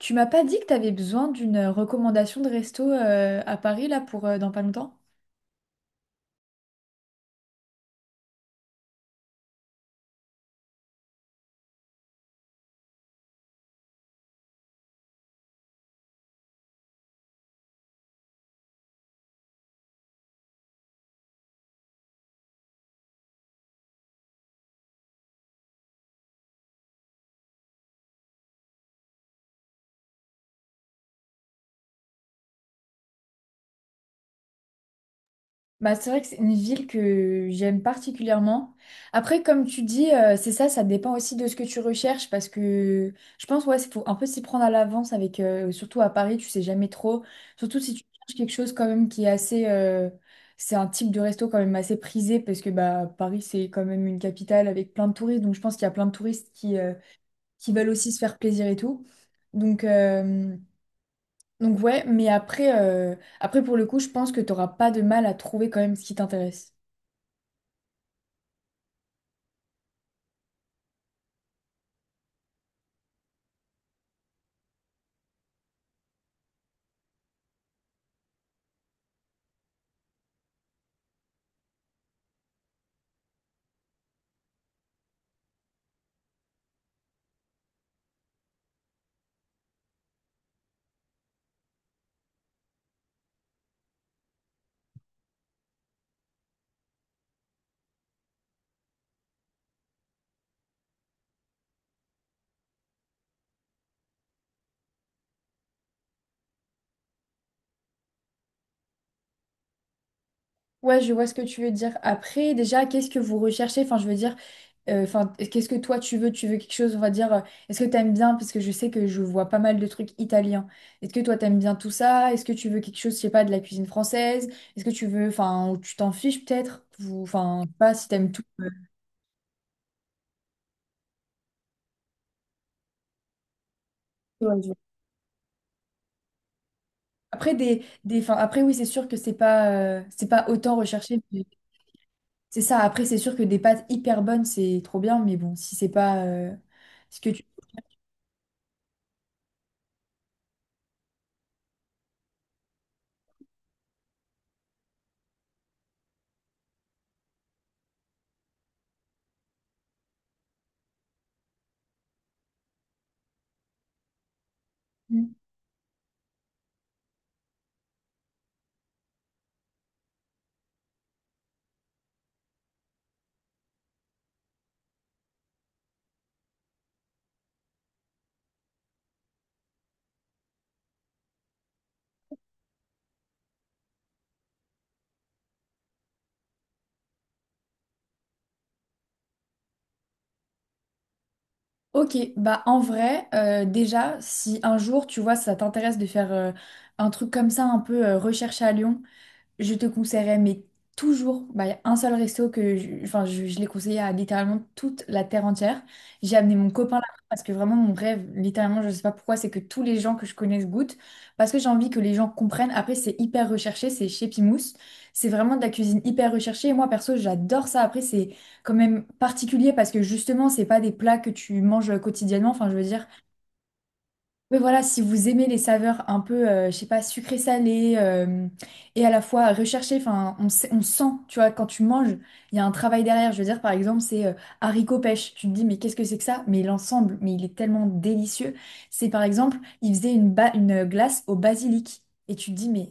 Tu m'as pas dit que tu avais besoin d'une recommandation de resto à Paris là pour dans pas longtemps? Bah, c'est vrai que c'est une ville que j'aime particulièrement. Après, comme tu dis, c'est ça, ça dépend aussi de ce que tu recherches parce que je pense, ouais, c'est faut un peu s'y prendre à l'avance avec, surtout à Paris, tu sais jamais trop. Surtout si tu cherches quelque chose quand même qui est assez, c'est un type de resto quand même assez prisé parce que bah Paris c'est quand même une capitale avec plein de touristes, donc je pense qu'il y a plein de touristes qui qui veulent aussi se faire plaisir et tout. Donc, euh, Donc ouais, mais après, après pour le coup, je pense que t'auras pas de mal à trouver quand même ce qui t'intéresse. Ouais, je vois ce que tu veux dire. Après, déjà, qu'est-ce que vous recherchez? Enfin, je veux dire, enfin, qu'est-ce que toi tu veux? Tu veux quelque chose, on va dire, est-ce que t'aimes bien? Parce que je sais que je vois pas mal de trucs italiens. Est-ce que toi t'aimes bien tout ça? Est-ce que tu veux quelque chose, je sais pas, de la cuisine française? Est-ce que tu veux, enfin, ou tu t'en fiches peut-être? Ou, enfin, je sais pas si t'aimes tout. Ouais, je vois. Après enfin, après oui, c'est sûr que c'est pas autant recherché. C'est ça, après c'est sûr que des pâtes hyper bonnes, c'est trop bien, mais bon, si c'est pas ce que tu... Mm. Ok, bah en vrai, déjà, si un jour, tu vois, ça t'intéresse de faire un truc comme ça, un peu recherche à Lyon, je te conseillerais, mais toujours, bah, y a un seul resto que je, enfin, je l'ai conseillé à littéralement toute la terre entière. J'ai amené mon copain là parce que vraiment mon rêve, littéralement, je sais pas pourquoi, c'est que tous les gens que je connaisse goûtent parce que j'ai envie que les gens comprennent. Après, c'est hyper recherché, c'est chez Pimousse. C'est vraiment de la cuisine hyper recherchée. Et moi, perso, j'adore ça. Après, c'est quand même particulier parce que justement, c'est pas des plats que tu manges quotidiennement. Enfin, je veux dire. Mais voilà, si vous aimez les saveurs un peu, je sais pas, sucré-salé et à la fois recherché, enfin, on sent, tu vois, quand tu manges, il y a un travail derrière. Je veux dire, par exemple, c'est haricot pêche. Tu te dis, mais qu'est-ce que c'est que ça? Mais l'ensemble, mais il est tellement délicieux. C'est par exemple, il faisait une glace au basilic. Et tu te dis, mais.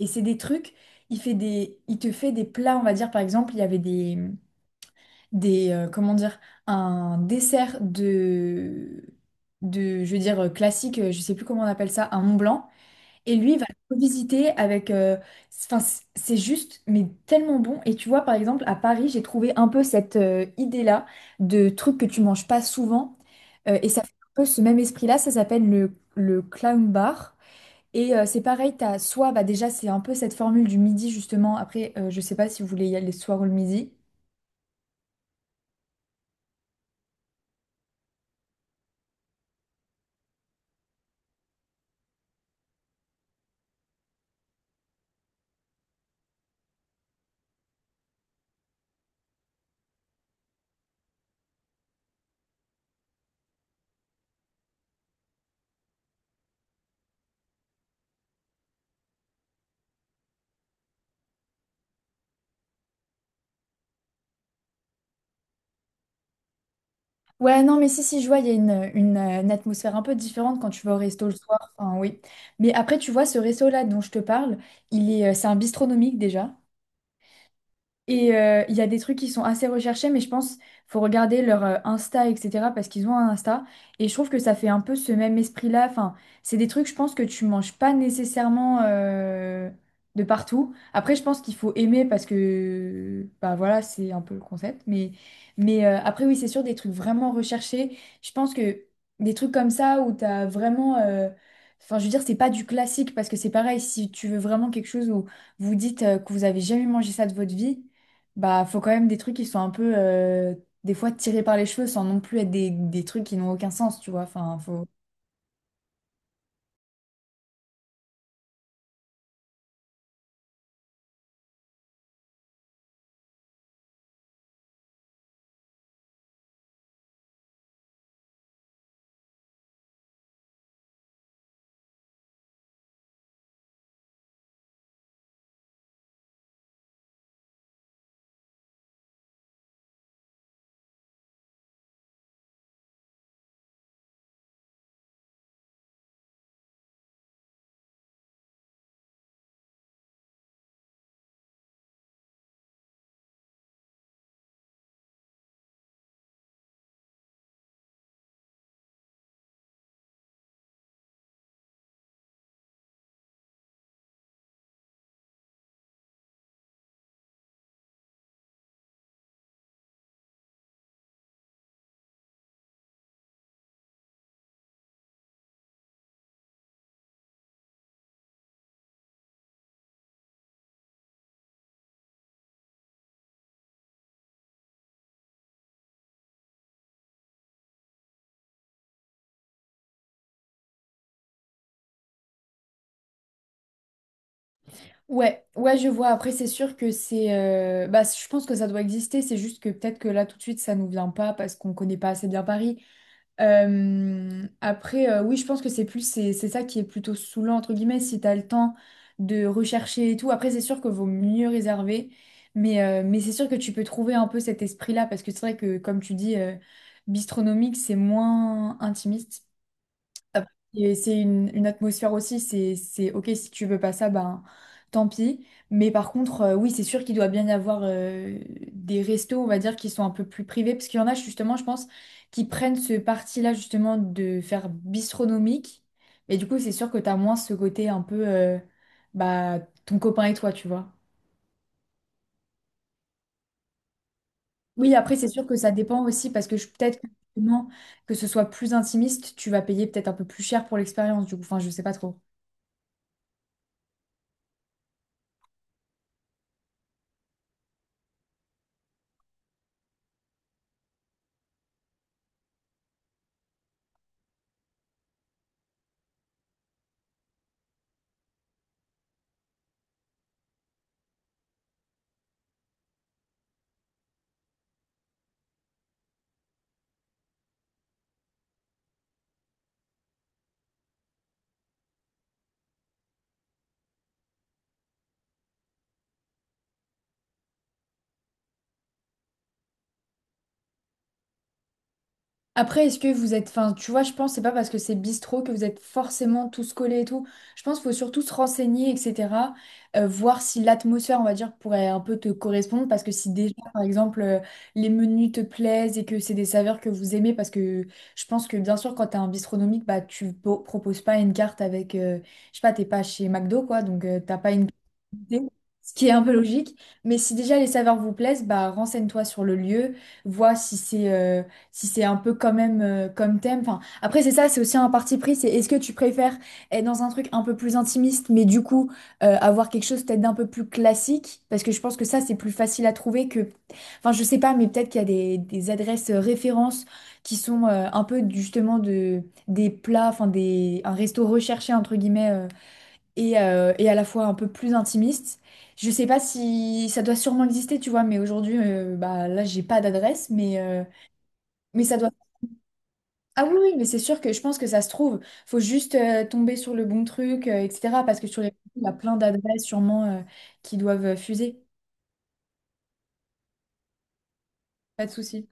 Et c'est des trucs, il fait des... il te fait des plats, on va dire, par exemple, il y avait des comment dire un dessert de je veux dire classique je sais plus comment on appelle ça, un Mont Blanc et lui il va le revisiter avec enfin c'est juste mais tellement bon et tu vois par exemple à Paris j'ai trouvé un peu cette idée là, de trucs que tu manges pas souvent, et ça fait un peu ce même esprit là. Ça s'appelle le clown bar. Et c'est pareil, t'as soit, bah déjà c'est un peu cette formule du midi justement, après je sais pas si vous voulez y aller le soir ou le midi. Ouais, non, mais si, si, je vois, il y a une atmosphère un peu différente quand tu vas au resto le soir. Enfin, oui. Mais après, tu vois, ce resto-là dont je te parle, il est, c'est un bistronomique déjà. Et il y a des trucs qui sont assez recherchés, mais je pense faut regarder leur Insta, etc. parce qu'ils ont un Insta. Et je trouve que ça fait un peu ce même esprit-là. Enfin, c'est des trucs, je pense, que tu manges pas nécessairement de partout. Après, je pense qu'il faut aimer parce que, bah voilà, c'est un peu le concept. Mais après, oui, c'est sûr, des trucs vraiment recherchés. Je pense que des trucs comme ça où t'as vraiment. Euh, enfin, je veux dire, c'est pas du classique parce que c'est pareil, si tu veux vraiment quelque chose où vous dites que vous avez jamais mangé ça de votre vie. Bah, faut quand même des trucs qui sont un peu, des fois, tirés par les cheveux sans non plus être des trucs qui n'ont aucun sens, tu vois. Enfin, faut... Ouais, ouais, je vois. Après, c'est sûr que c'est... bah, je pense que ça doit exister. C'est juste que peut-être que là, tout de suite, ça nous vient pas parce qu'on connaît pas assez bien Paris. Après, oui, je pense que c'est plus c'est ça qui est plutôt saoulant entre guillemets si t'as le temps de rechercher et tout. Après, c'est sûr que vaut mieux réserver, mais c'est sûr que tu peux trouver un peu cet esprit-là parce que c'est vrai que comme tu dis, bistronomique, c'est moins intimiste. Après, et c'est une atmosphère aussi, c'est ok si tu veux pas ça, ben tant pis. Mais par contre, oui, c'est sûr qu'il doit bien y avoir des restos, on va dire, qui sont un peu plus privés, parce qu'il y en a justement, je pense, qui prennent ce parti-là justement de faire bistronomique. Et du coup, c'est sûr que t'as moins ce côté un peu bah, ton copain et toi, tu vois. Oui, après, c'est sûr que ça dépend aussi, parce que je- peut-être que justement, que ce soit plus intimiste, tu vas payer peut-être un peu plus cher pour l'expérience, du coup, enfin, je sais pas trop. Après, est-ce que vous êtes, enfin, tu vois, je pense c'est pas parce que c'est bistrot que vous êtes forcément tous collés et tout. Je pense qu'il faut surtout se renseigner, etc. Voir si l'atmosphère, on va dire, pourrait un peu te correspondre. Parce que si déjà, par exemple, les menus te plaisent et que c'est des saveurs que vous aimez, parce que je pense que bien sûr, quand t'as un bistronomique, bah, tu po- proposes pas une carte avec, je sais pas, t'es pas chez McDo, quoi, donc t'as pas une, ce qui est un peu logique. Mais si déjà les saveurs vous plaisent, bah, renseigne-toi sur le lieu, vois si c'est si c'est un peu quand même comme thème. Enfin, après, c'est ça, c'est aussi un parti pris, c'est est-ce que tu préfères être dans un truc un peu plus intimiste, mais du coup avoir quelque chose peut-être d'un peu plus classique, parce que je pense que ça, c'est plus facile à trouver que... Enfin, je sais pas, mais peut-être qu'il y a des adresses références qui sont un peu justement des plats, un resto recherché, entre guillemets, et à la fois un peu plus intimiste. Je sais pas si ça doit sûrement exister, tu vois, mais aujourd'hui, bah, là, j'ai pas d'adresse, mais ça doit, ah oui, oui, mais c'est sûr que je pense que ça se trouve. Faut juste tomber sur le bon truc, etc. Parce que sur les il y a plein d'adresses sûrement qui doivent fuser. Pas de souci.